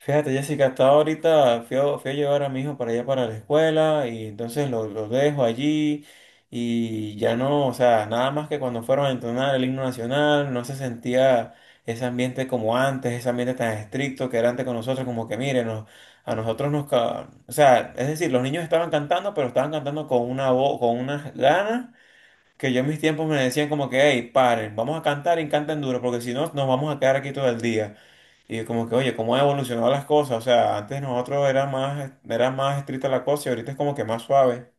Fíjate, Jessica, hasta ahorita fui a llevar a mi hijo para allá para la escuela y entonces lo dejo allí y ya no, o sea, nada más que cuando fueron a entonar el himno nacional no se sentía ese ambiente como antes, ese ambiente tan estricto que era antes con nosotros, como que miren, a nosotros o sea, es decir, los niños estaban cantando, pero estaban cantando con una voz, con unas ganas que yo en mis tiempos me decían como que, hey, paren, vamos a cantar y canten duro porque si no nos vamos a quedar aquí todo el día. Y como que, oye, cómo han evolucionado las cosas. O sea, antes nosotros era más estricta la cosa y ahorita es como que más suave.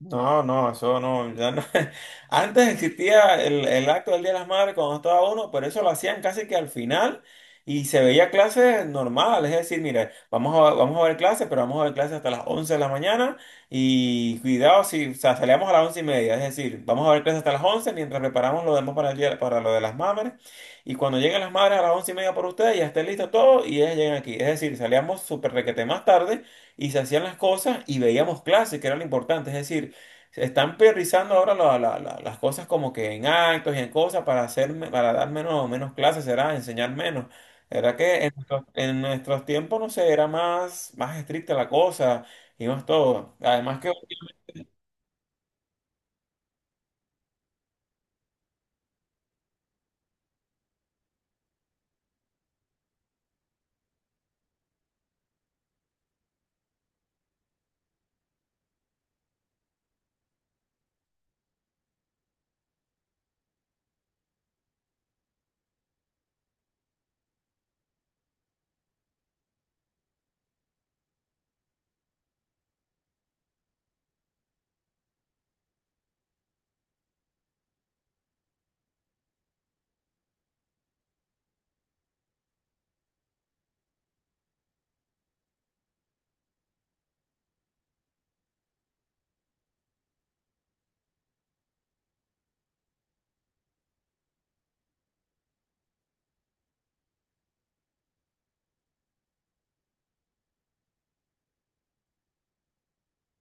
No, no, eso no, ya no. Antes existía el acto del Día de las Madres cuando estaba uno, pero eso lo hacían casi que al final y se veía clases normales, es decir, mire, vamos a ver clases, pero vamos a ver clases hasta las 11 de la mañana y cuidado si, o sea, salíamos a las 11:30, es decir, vamos a ver clases hasta las 11 mientras preparamos lo demás para el día, para lo de las madres y cuando lleguen las madres a las 11:30 por ustedes ya esté listo todo y ellas llegan aquí, es decir, salíamos súper requete más tarde y se hacían las cosas y veíamos clases, que era lo importante, es decir, se están priorizando ahora las cosas como que en actos y en cosas para hacer, para dar menos, clases, será enseñar menos. La verdad que en nuestros tiempos, no sé, era más estricta la cosa y más todo. Además que.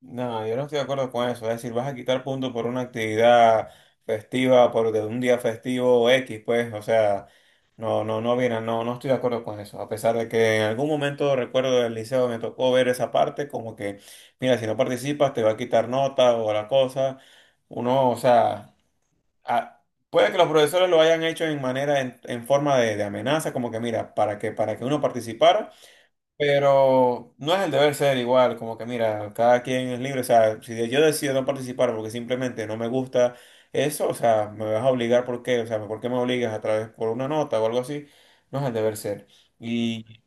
No, yo no estoy de acuerdo con eso. Es decir, vas a quitar puntos por una actividad festiva, por de un día festivo X, pues, o sea, no, no, no, mira, no, no estoy de acuerdo con eso. A pesar de que en algún momento recuerdo del liceo me tocó ver esa parte, como que, mira, si no participas te va a quitar nota o la cosa. Uno, o sea, a- puede que los profesores lo hayan hecho en manera, en forma de amenaza, como que, mira, para que uno participara. Pero no es el deber ser igual, como que mira, cada quien es libre, o sea, si yo decido no participar porque simplemente no me gusta eso, o sea, me vas a obligar, ¿por qué? O sea, ¿por qué me obligas a través por una nota o algo así? No es el deber ser. Y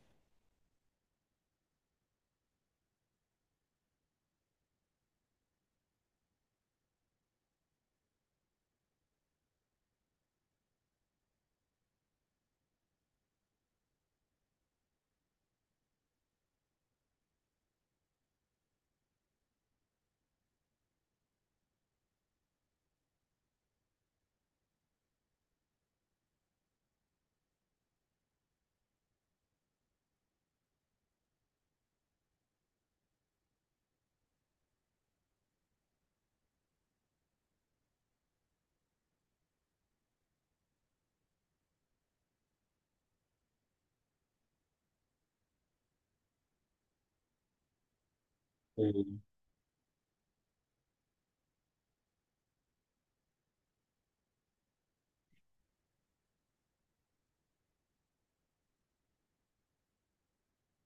eh,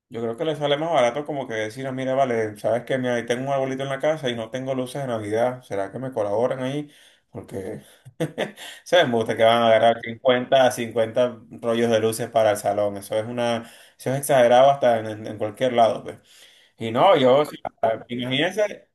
yo creo que le sale más barato como que decir, "Ah, mira, vale, sabes que mira, ahí tengo un arbolito en la casa y no tengo luces de Navidad, ¿será que me colaboran ahí? Porque se me gusta que van a agarrar 50 a 50 rollos de luces para el salón. Eso es exagerado hasta en cualquier lado, pues. Y no, yo, o sea, imagínense.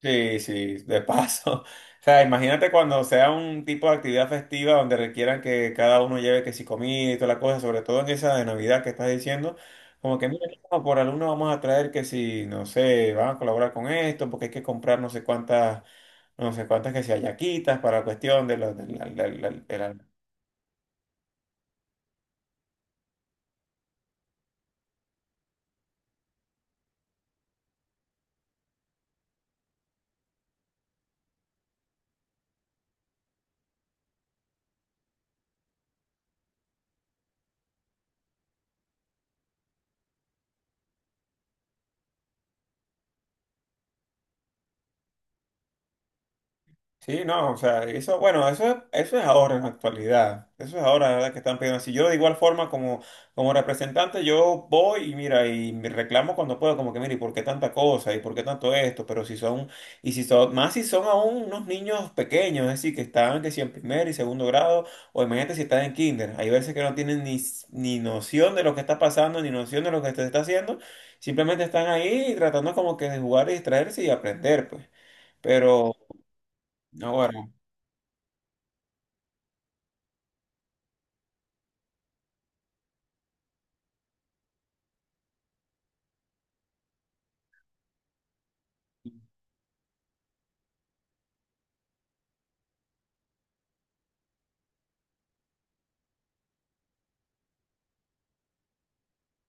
Sí, sí, de paso. O sea, imagínate cuando sea un tipo de actividad festiva donde requieran que cada uno lleve que si comida y toda la cosa, sobre todo en esa de Navidad que estás diciendo, como que mira, no, por alumno vamos a traer que si, no sé, van a colaborar con esto, porque hay que comprar no sé cuántas, que si hallaquitas para cuestión de del almuerzo. Sí, no, o sea, eso, bueno, eso, eso es ahora en la actualidad. Eso es ahora, la verdad, que están pidiendo así. Yo de igual forma como representante, yo voy y mira, y me reclamo cuando puedo, como que, mira, ¿y por qué tanta cosa? ¿Y por qué tanto esto? Pero si son, y si son, más si son aún unos niños pequeños, es decir, que están, que si en primer y segundo grado, o imagínate si están en kinder. Hay veces que no tienen ni, ni noción de lo que está pasando, ni noción de lo que se está haciendo. Simplemente están ahí tratando como que de jugar y distraerse y aprender, pues. Pero. Ahora.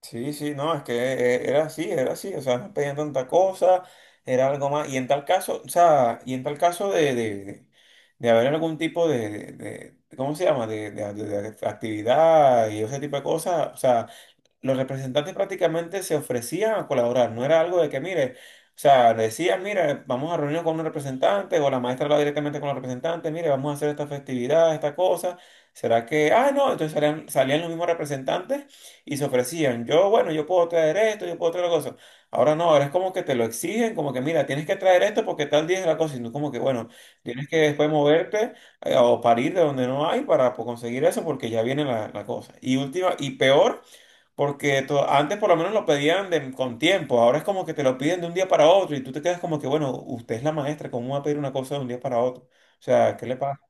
Sí, sí, no, es que era así, o sea, no pedían tanta cosa, era algo más, y en tal caso, o sea, y en tal caso de haber algún tipo ¿cómo se llama?, de actividad y ese tipo de cosas, o sea, los representantes prácticamente se ofrecían a colaborar, no era algo de que, mire, o sea, decían, mire, vamos a reunirnos con un representante, o la maestra hablaba directamente con los representantes, mire, vamos a hacer esta festividad, esta cosa, ¿será que, ah, no, entonces salían los mismos representantes y se ofrecían, yo, bueno, yo puedo traer esto, yo puedo traer la cosa. Ahora no, ahora es como que te lo exigen, como que, mira, tienes que traer esto porque tal día es la cosa, y no como que, bueno, tienes que después moverte o parir de donde no hay para pues, conseguir eso porque ya viene la cosa. Y última, y peor. Porque antes por lo menos lo pedían con tiempo, ahora es como que te lo piden de un día para otro y tú te quedas como que, bueno, usted es la maestra, ¿cómo va a pedir una cosa de un día para otro? O sea, ¿qué le pasa?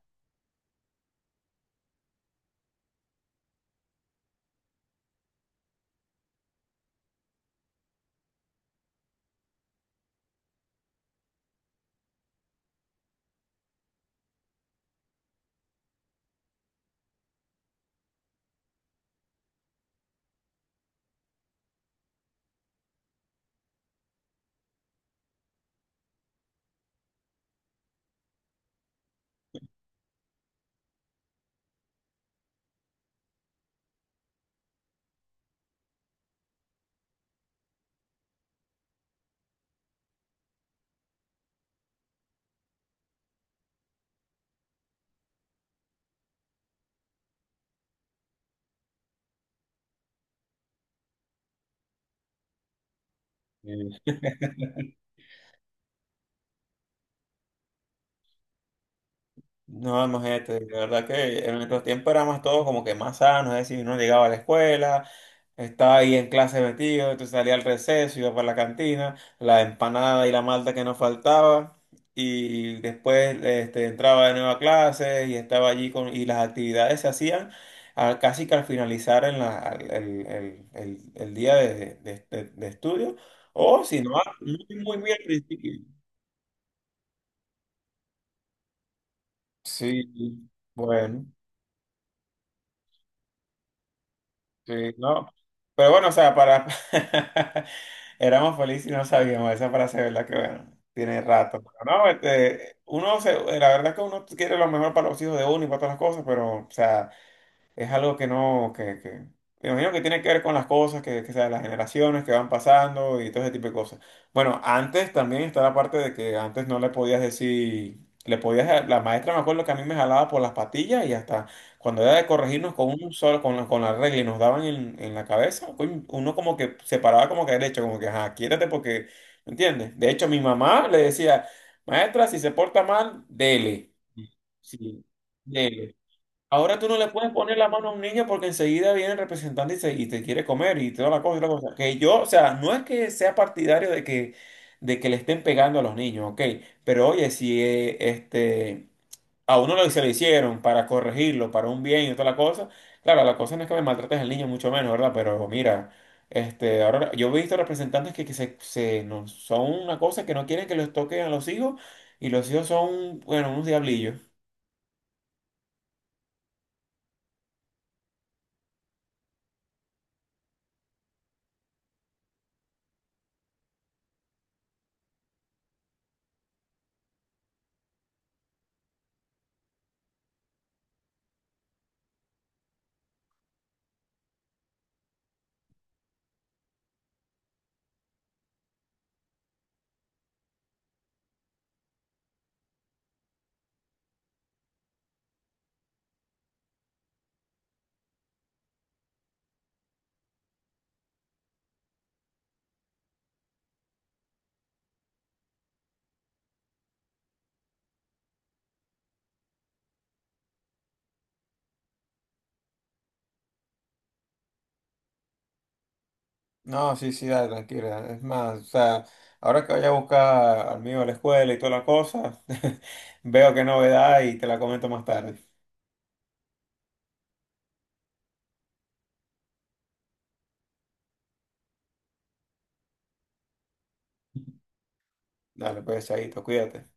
No, imagínate, de verdad que en nuestros tiempos éramos todos como que más sanos, es decir, uno llegaba a la escuela, estaba ahí en clase metido, entonces salía al receso, iba para la cantina, la empanada y la malta que nos faltaba, y después entraba de nuevo a clase y estaba allí con, y las actividades se hacían casi que al finalizar en la, al- el día de estudio, o si no, muy, muy bien al principio. Sí, bueno. Sí, no. Pero bueno, o sea, para. Éramos felices y no sabíamos esa frase, ¿verdad? Que bueno, tiene rato. Pero no, uno se, la verdad que uno quiere lo mejor para los hijos de uno y para todas las cosas, pero, o sea es algo que no, me imagino que tiene que ver con las cosas, que sea, las generaciones que van pasando y todo ese tipo de cosas. Bueno, antes también está la parte de que antes no le podías decir, le podías, la maestra me acuerdo que a mí me jalaba por las patillas y hasta cuando era de corregirnos con un solo, con la regla y nos daban en la cabeza, coño, uno como que se paraba como que derecho, como que, ajá, quiérate porque, ¿me entiendes? De hecho, mi mamá le decía, maestra, si se porta mal, dele. Sí, dele. Ahora tú no le puedes poner la mano a un niño porque enseguida viene el representante y, y te quiere comer y toda la cosa y la cosa. Que yo, o sea, no es que sea partidario de que, le estén pegando a los niños, ok. Pero oye, si a uno lo, se lo hicieron para corregirlo, para un bien y toda la cosa, claro, la cosa no es que me maltrates al niño, mucho menos, ¿verdad? Pero mira, ahora yo he visto representantes que se, no, son una cosa que no quieren que los toquen a los hijos y los hijos son, bueno, unos diablillos. No, sí, sí, dale, tranquila. Es más, o sea, ahora que vaya a buscar al mío a la escuela y toda la cosa, veo qué novedad y te la comento más tarde. Dale, pues, chaito, cuídate.